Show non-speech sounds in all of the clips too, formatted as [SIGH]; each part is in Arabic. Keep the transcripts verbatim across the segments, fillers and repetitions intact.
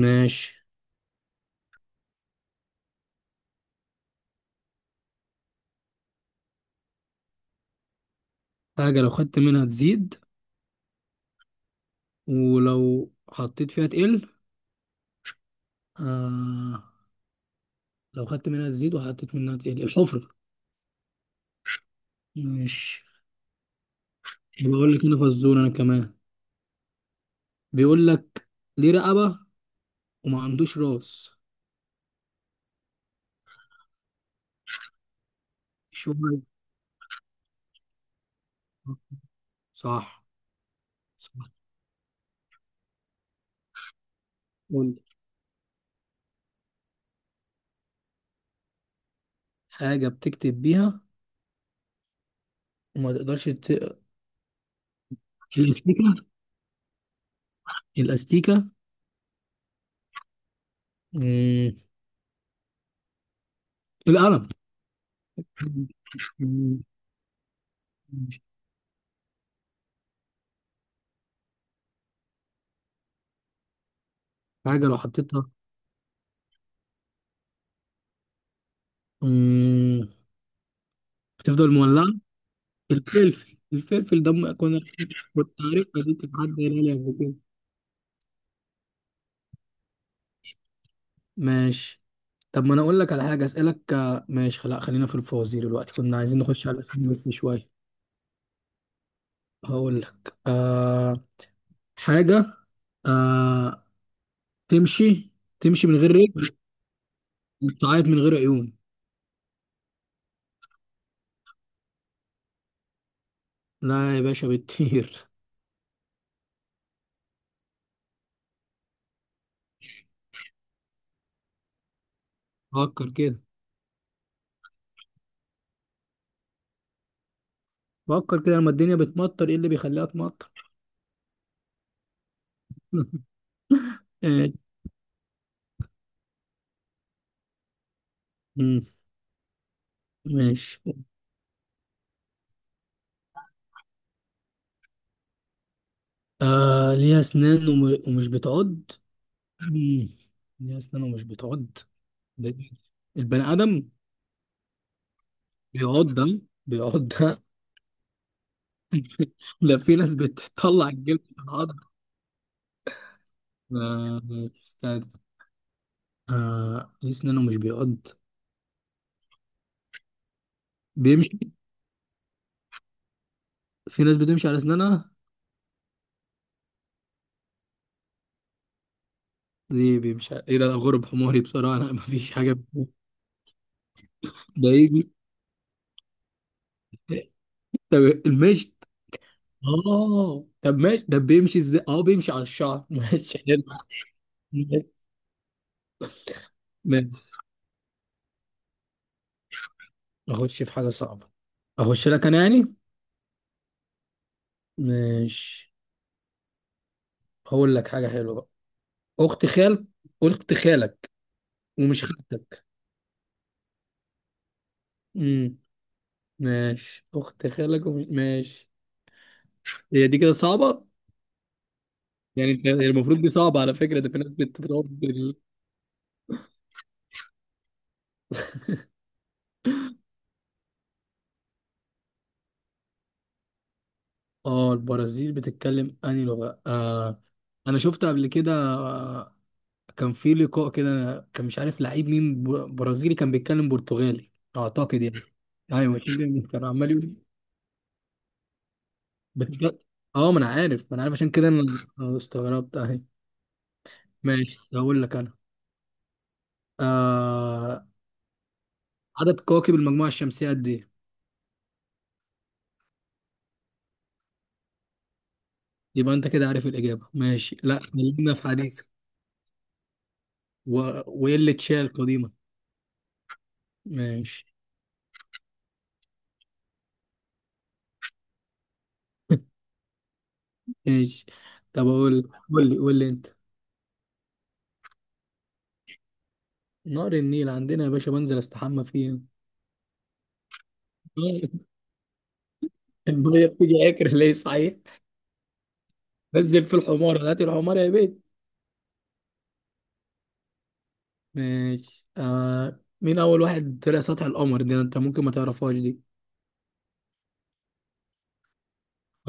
ماشي. حاجة لو خدت منها تزيد ولو حطيت فيها تقل. آه، لو خدت منها تزيد وحطيت منها تقل الحفرة. ماشي، بقول لك أنا فزور أنا كمان، بيقول لك ليه رقبة وما عندوش راس. شو هاي؟ صح. صح. قول لي. حاجة بتكتب بيها وما تقدرش ت... الأستيكة. الأستيكة. مم. القلم. مم. حاجة لو حطيتها مم. بتفضل مولعة، الفلفل. الفلفل ده م- كنا كنت عارفها دي، كانت حد قايلها لي قبل كده. ماشي، طب ما انا اقول لك على حاجه اسالك. آه، ماشي، لا خلينا في الفوازير دلوقتي، كنا عايزين نخش على الاسئله في شويه. هقول لك آه حاجه، آه تمشي، تمشي من غير رجل وبتعيط من غير عيون. لا يا باشا بتطير. فكر كده. فكر كده لما الدنيا بتمطر، ايه اللي بيخليها تمطر؟ [LAUGHS] آه، مم، ماشي. آه ليها اسنان وم- ومش بتعض. مم. ليه أسنانه مش بتعض؟ ده إيه؟ البني آدم؟ بيعض ده. بيعض ده. [LAUGHS] لا في ناس بتطلع الجلد من عض. آه، استنى، آه ليه أسنانه مش بيعض. بيمشي؟ في ناس بتمشي على أسنانها؟ دي بيمشي على إيه ده؟ أنا غرب حماري بصراحة، أنا مفيش حاجة ب- ده يجي. طب المشط. آه طب ماشي، ده بيمشي إزاي؟ آه بيمشي على الشعر. [LAUGHS] ماشي حلو. ماشي، أخش في حاجة صعبة؟ أخش لك أنا يعني. ماشي، هقول لك حاجة حلوة بقى. أخت خالك. أخت خالك ومش خالتك. امم ماشي، أخت خالك ومش، ماشي. هي دي كده صعبة، يعني أنت هي المفروض دي صعبة على فكرة، ده في ناس بتتطور بال... آه البرازيل بتتكلم أنهي لغة؟ آه أنا شفت قبل كده، آه كان في لقاء كده، كان مش عارف لعيب مين ب- برازيلي، كان بيتكلم برتغالي أعتقد يعني. أيوة [LAUGHS] عشان كده كان عمال يقول بتتكلم. آه ما أنا عارف، ما أنا عارف، عشان كده أنا استغربت أهي. ماشي، هقول لك أنا آه عدد كواكب المجموعة الشمسية قد إيه؟ يبقى أنت كده عارف الإجابة، ماشي لا خلينا في حديثة. و... وإيه اللي تشال القديمة؟ ماشي. ماشي، طب أقول، قول لي، قول لي أنت. نهر النيل عندنا يا باشا، بنزل أستحمى فيه. [LAUGHS] المية بتيجي آكل ليه صحيح. نزل في الحمار هات الحمار يا بيت. ماشي، آه مين أول واحد طلع سطح القمر؟ دي أنت ممكن ما تعرفهاش دي.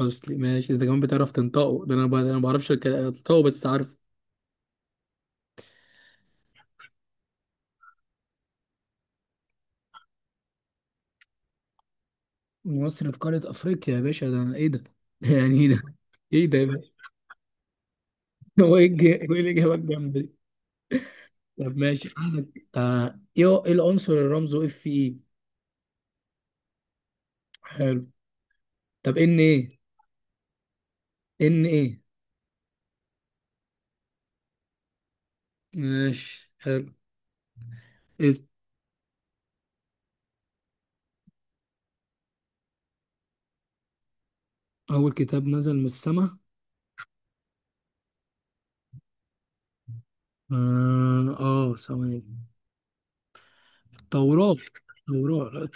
أصلي ماشي، أنت كمان بتعرف تنطقه، ده أنا ب... أنا ما بعرفش الك- أنطقه بس عارف. مصر في قارة أفريقيا يا باشا، ده أنا إيه ده؟ [LAUGHS] يعني إيه ده؟ إيه ده يا باشا؟ [LAUGHS] هو إيه الج- هو إيه الإجابة الجامدة دي؟ طب ماشي عندك، آه إيه، إيه العنصر اللي رمزه إف إي؟ حلو. طب إن إيه؟ إن إيه؟ ماشي حلو. إز. أول كتاب نزل من السما؟ آه، آه ثواني. توراة. توراة، لا.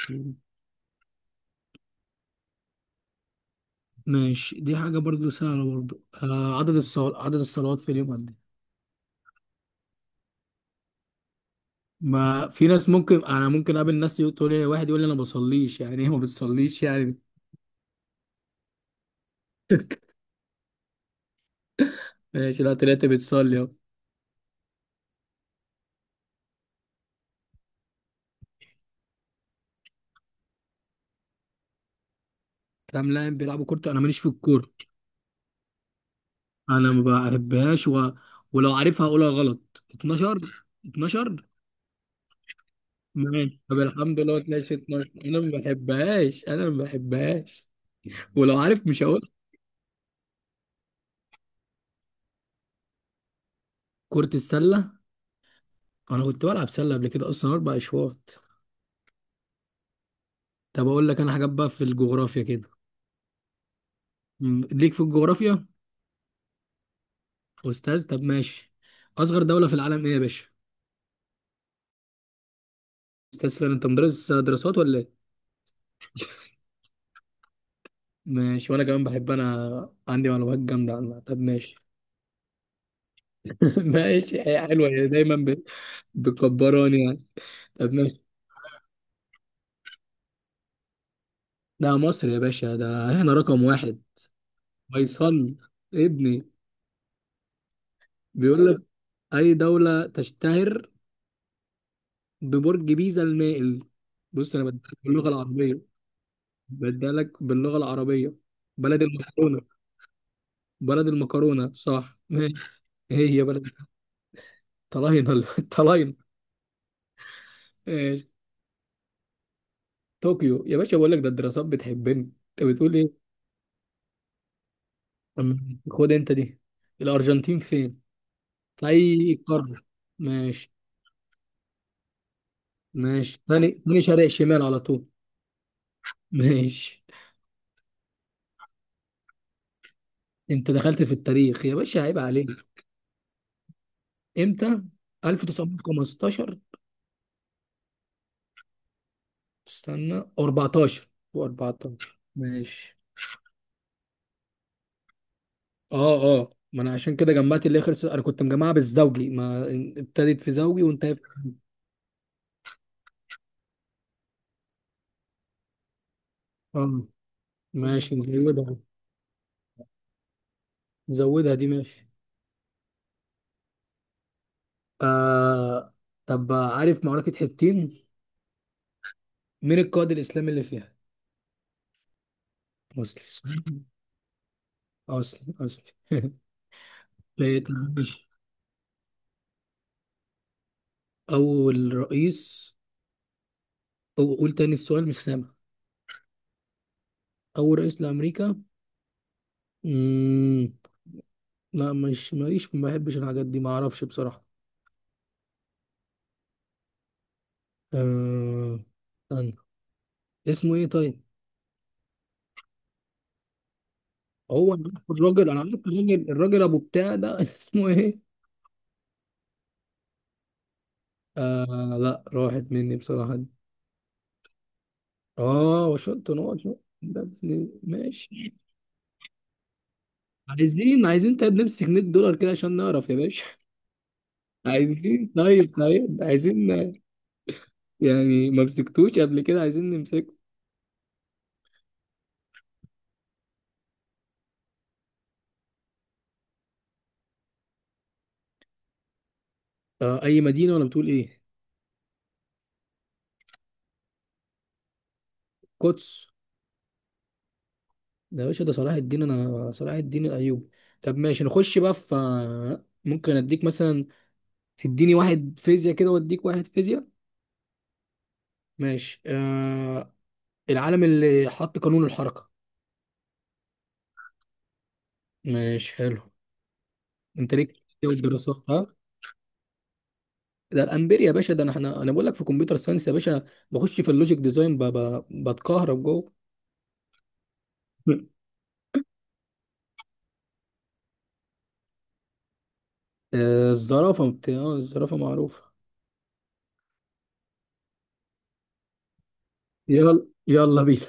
ماشي، دي حاجة برضو سهلة برضو، آه عدد الصلوات، عدد الصلوات في اليوم قد إيه؟ ما في ناس ممكن، انا ممكن اقابل ناس يقول، تقول لي واحد يقول لي انا ما بصليش، يعني ايه ما بتصليش يعني؟ [LAUGHS] ماشي، لا طلعت بتصلي اهو. تمام، لا بيلعبوا كوره، انا ماليش في الكوره، انا ما بحبهاش و... ولو عارفها هقولها غلط، اتناشر. اتناشر. ماشي، طب الحمد لله طلعت اثنا عشر، انا ما بحبهاش، انا ما بحبهاش ولو عارف مش هقول. كرة السلة؟ انا كنت بلعب سلة قبل كده اصلا، اربع اشواط. طب اقول لك انا حاجات بقى في الجغرافيا كده، م- ليك في الجغرافيا؟ أستاذ؟ طب ماشي، أصغر دولة في العالم إيه يا باشا؟ أستاذ فين أنت، مدرس دراسات ولا إيه؟ ماشي، وأنا كمان بحب، أنا عندي معلومات جامدة عنها. طب ماشي. [LAUGHS] ماشي، هي حلوة، هي دايما ب- بتكبراني يعني. طب ماشي. ده مصر يا باشا، ده إحنا رقم واحد. فيصل ابني بيقول لك أي دولة تشتهر ببرج بيزا المائل؟ بص أنا بديلك باللغة العربية، بديلك باللغة العربية. بلد المكرونة. بلد المكرونة، صح ماشي. إيه هي بلد، طلاينة ال- [LAUGHS] الطلاينة. ماشي. طوكيو يا باشا، بقول لك ده الدراسات بتحبني. انت بتقول ايه؟ أم، خد انت دي، الارجنتين فين؟ في اي قارة؟ ماشي. ماشي، تاني تاني شرق شمال على طول. [LAUGHS] ماشي. انت دخلت في التاريخ يا باشا، عيب عليك. امتى؟ ألف وتسعمائة وخمسة عشر. استنى، اربعتاشر. و14. ماشي. اه اه ما انا عشان كده جمعت اللي هي خلصت، انا كنت مجمعها بالزوجي، ما ابتدت في زوجي وانتهت. اه، ماشي زي ده. زودها دي ماشي. آه طب عارف معركة حطين؟ مين القائد الإسلامي اللي فيها؟ مسلم. مسلم، مسلم. [LAUGHS] طيب، طب ماشي. أول رئيس، أو قول تاني السؤال مش سامع. أول رئيس لأمريكا؟ مم... لا مش، ماليش، ما بحبش الحاجات دي، ما أعرفش بصراحة. آه... استنى، اسمه إيه طيب؟ هو أنا عارف الراجل، أنا عارف الراجل، الراجل أبو بتاع ده [LAUGHS] اسمه إيه؟ آه لا راحت مني بصراحة. اه وشلت نقط. ده بن- ماشي. عايزين، عايزين طيب نمسك مية دولار كده عشان نعرف يا باشا. [LAUGHS] عايزين، طيب طيب عايزين، يعني ما مسكتوش قبل كده عايزين نمسكه. آه اي مدينه ولا بتقول ايه؟ قدس. ده يا باشا ده صلاح الدين، انا صلاح الدين الايوبي. طب ماشي، نخش بقى في، ممكن اديك مثلا، تديني واحد فيزياء كده واديك واحد فيزياء. ماشي، آه العالم اللي حط قانون الحركه. ماشي حلو. انت ليك في الدراسات ها، ده الامبير يا باشا، ده انا احنا، انا بقول لك في كمبيوتر ساينس يا باشا، بخش في اللوجيك ديزاين ب- ب- بتكهرب جوه. [LAUGHS] آه، الزرافه، بتاع الزرافه معروفه. يلا يلا بينا.